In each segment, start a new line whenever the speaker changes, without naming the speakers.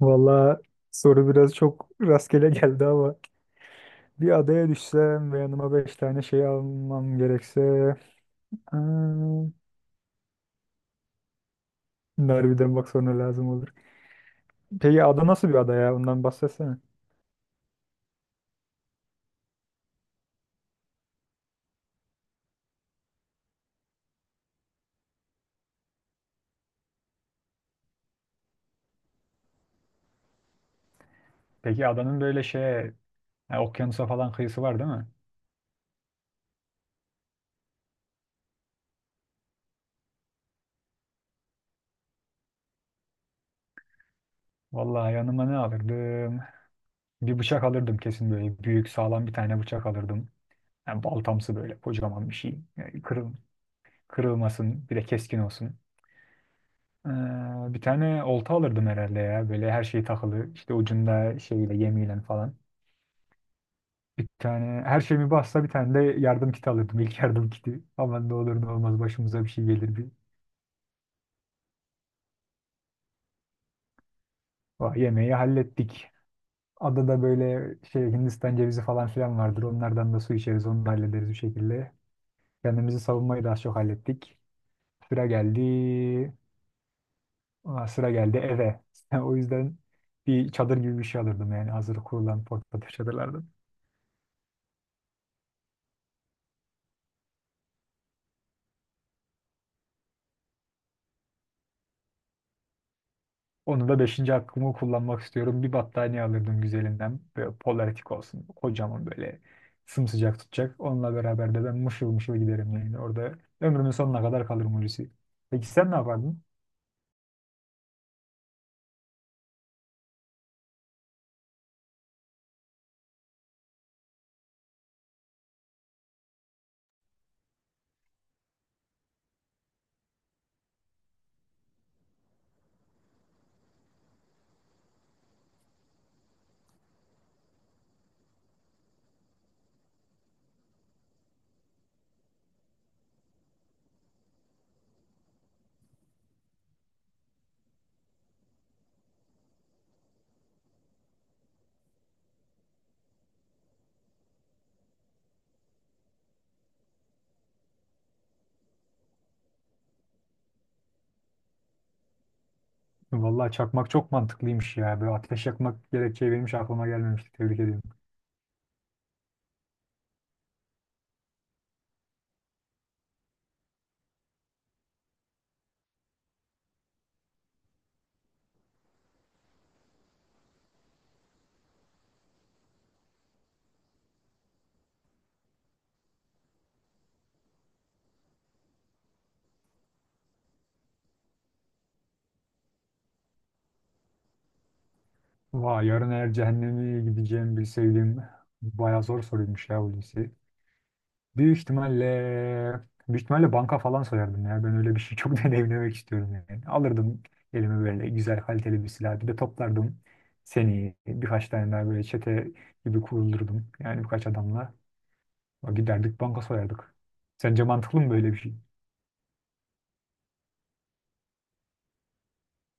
Valla soru biraz çok rastgele geldi ama bir adaya düşsem ve yanıma beş tane şey almam gerekse aa, bunlar bak sonra lazım olur. Peki ada nasıl bir ada ya? Ondan bahsetsene. Peki adanın böyle şeye, ha, okyanusa falan kıyısı var değil mi? Vallahi yanıma ne alırdım? Bir bıçak alırdım kesin böyle büyük sağlam bir tane bıçak alırdım. Yani baltamsı böyle kocaman bir şey. Kırılmasın bir de keskin olsun. Bir tane olta alırdım herhalde ya. Böyle her şey takılı. İşte ucunda şeyle yemiyle falan. Bir tane her şeyimi bassa bir tane de yardım kiti alırdım. İlk yardım kiti. Aman ne olur ne olmaz başımıza bir şey gelir bir. Vah, yemeği hallettik. Adada böyle şey Hindistan cevizi falan filan vardır. Onlardan da su içeriz. Onu da hallederiz bir şekilde. Kendimizi savunmayı da az çok hallettik. Sıra geldi. Aa, sıra geldi eve. O yüzden bir çadır gibi bir şey alırdım yani hazır kurulan portatif çadırlardan. Onu da beşinci hakkımı kullanmak istiyorum. Bir battaniye alırdım güzelinden. Böyle polaretik olsun. Kocaman böyle sımsıcak tutacak. Onunla beraber de ben mışıl mışıl giderim yani. Orada ömrümün sonuna kadar kalırım Hulusi. Peki sen ne yapardın? Vallahi çakmak çok mantıklıymış ya. Böyle ateş yakmak gerekçeyi benim hiç aklıma gelmemişti. Tebrik ediyorum. Vay yarın eğer cehenneme gideceğim bilseydim. Bayağı zor soruymuş ya Hulusi. Büyük ihtimalle büyük ihtimalle banka falan soyardım ya. Ben öyle bir şey çok deneyimlemek istiyorum yani. Alırdım elime böyle güzel kaliteli bir silah. Bir de toplardım seni birkaç tane daha böyle çete gibi kurulurdum. Yani birkaç adamla giderdik banka soyardık. Sence mantıklı mı böyle bir şey?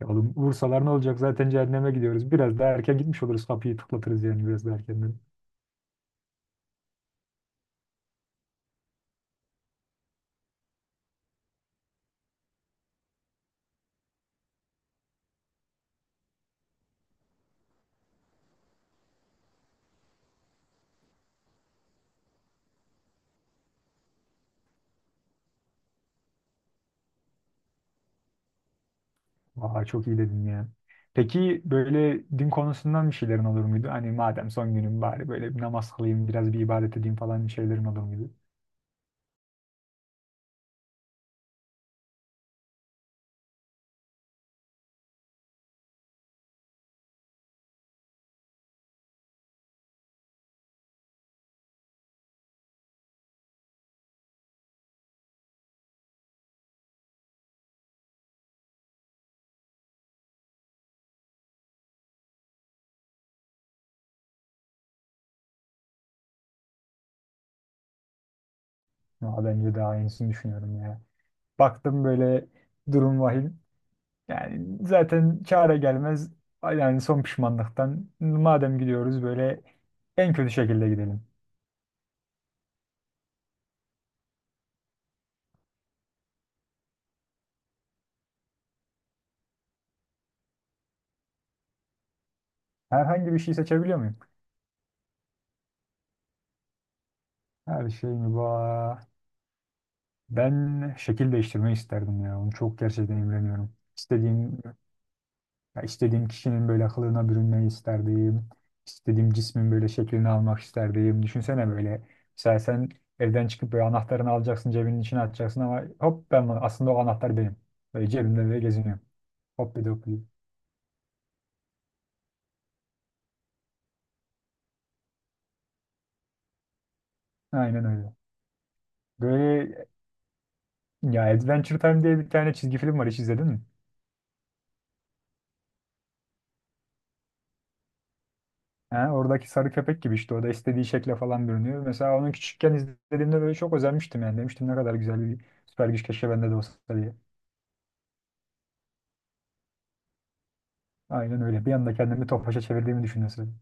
Ya oğlum vursalar ne olacak? Zaten cehenneme gidiyoruz. Biraz daha erken gitmiş oluruz. Kapıyı tıklatırız yani biraz daha erkenden. Vay çok iyi dedin ya. Peki böyle din konusundan bir şeylerin olur muydu? Hani madem son günüm bari böyle bir namaz kılayım, biraz bir ibadet edeyim falan bir şeylerin olur muydu? Ya bence daha iyisini düşünüyorum ya. Baktım böyle durum vahim. Yani zaten çare gelmez. Yani son pişmanlıktan madem gidiyoruz böyle en kötü şekilde gidelim. Herhangi bir şey seçebiliyor muyum? Her şey mi var? Ben şekil değiştirmeyi isterdim ya. Onu çok gerçekten imreniyorum. Ya istediğim kişinin böyle kılığına bürünmeyi isterdim. İstediğim cismin böyle şeklini almak isterdim. Düşünsene böyle. Mesela sen evden çıkıp böyle anahtarını alacaksın, cebinin içine atacaksın ama hop aslında o anahtar benim. Böyle cebimde böyle geziniyorum. Hop bir de hop bir de. Aynen öyle. Böyle ya Adventure Time diye bir tane çizgi film var hiç izledin mi? Ha, oradaki sarı köpek gibi işte o da istediği şekle falan bürünüyor. Mesela onu küçükken izlediğimde böyle çok özenmiştim yani. Demiştim ne kadar güzel bir süper güç keşke bende de olsa diye. Aynen öyle. Bir anda kendimi Tofaş'a çevirdiğimi düşünüyorsun.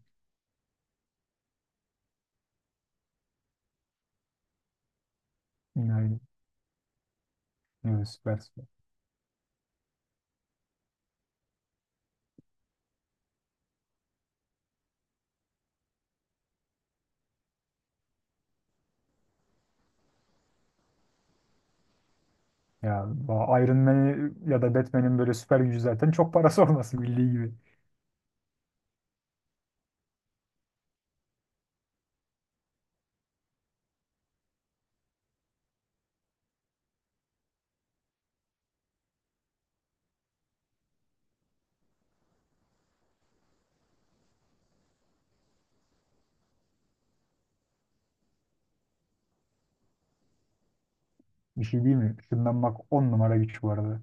Yani, evet, süper süper. Ya bu Iron Man ya da Batman'in böyle süper gücü zaten çok parası olması bildiği gibi. Bir şey değil mi? Işınlanmak 10 numara güç bu arada.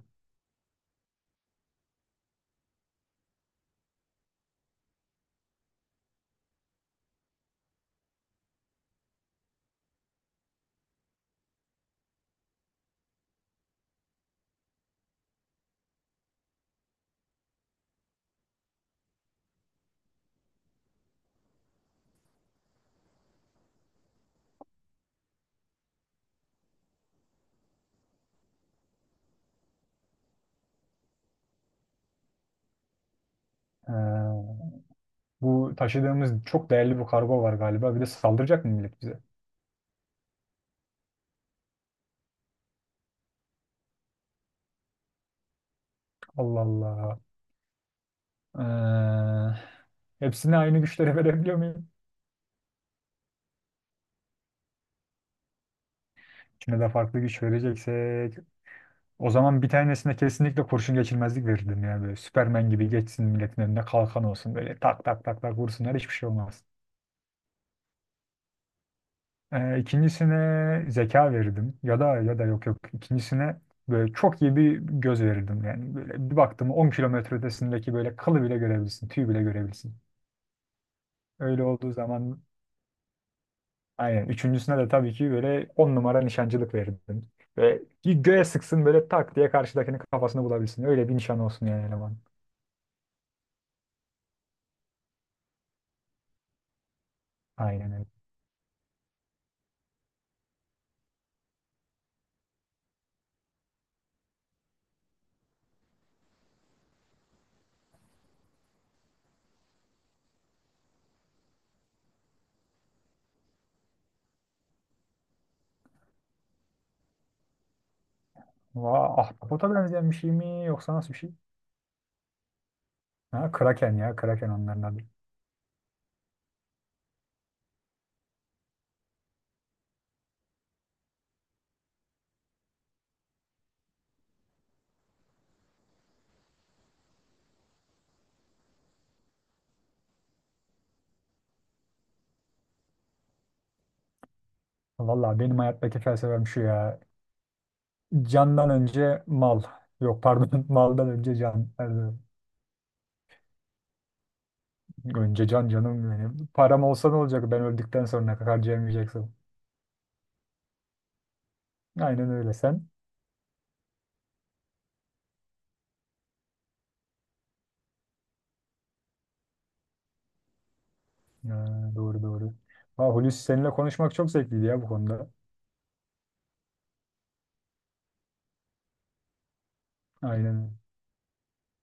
Ee, Bu taşıdığımız çok değerli bir kargo var galiba. Bir de saldıracak mı millet bize? Allah Allah. Hepsine aynı güçleri verebiliyor muyum? İkine de farklı güç vereceksek o zaman bir tanesine kesinlikle kurşun geçirmezlik verirdim ya böyle. Süpermen gibi geçsin milletin önüne kalkan olsun böyle tak tak tak tak vursunlar hiçbir şey olmaz. İkincisine zeka verirdim ya da yok yok ikincisine böyle çok iyi bir göz verirdim yani böyle bir baktım 10 km ötesindeki böyle kılı bile görebilirsin tüy bile görebilirsin. Öyle olduğu zaman aynen üçüncüsüne de tabii ki böyle 10 numara nişancılık verirdim. Ve bir göğe sıksın böyle tak diye karşıdakinin kafasını bulabilsin öyle bir nişan olsun yani eleman. Aynen öyle. Vaa, ahtapota benzeyen bir şey mi yoksa nasıl bir şey? Ha, kraken ya kraken onların adı. Valla benim hayattaki felsefem şu ya. Candan önce mal. Yok pardon maldan önce can. Nerede? Önce can canım benim. Param olsa ne olacak ben öldükten sonra harcayamayacaksın. Aynen öyle sen. Ha, doğru doğru. Ha, Hulusi seninle konuşmak çok zevkliydi ya bu konuda. Aynen.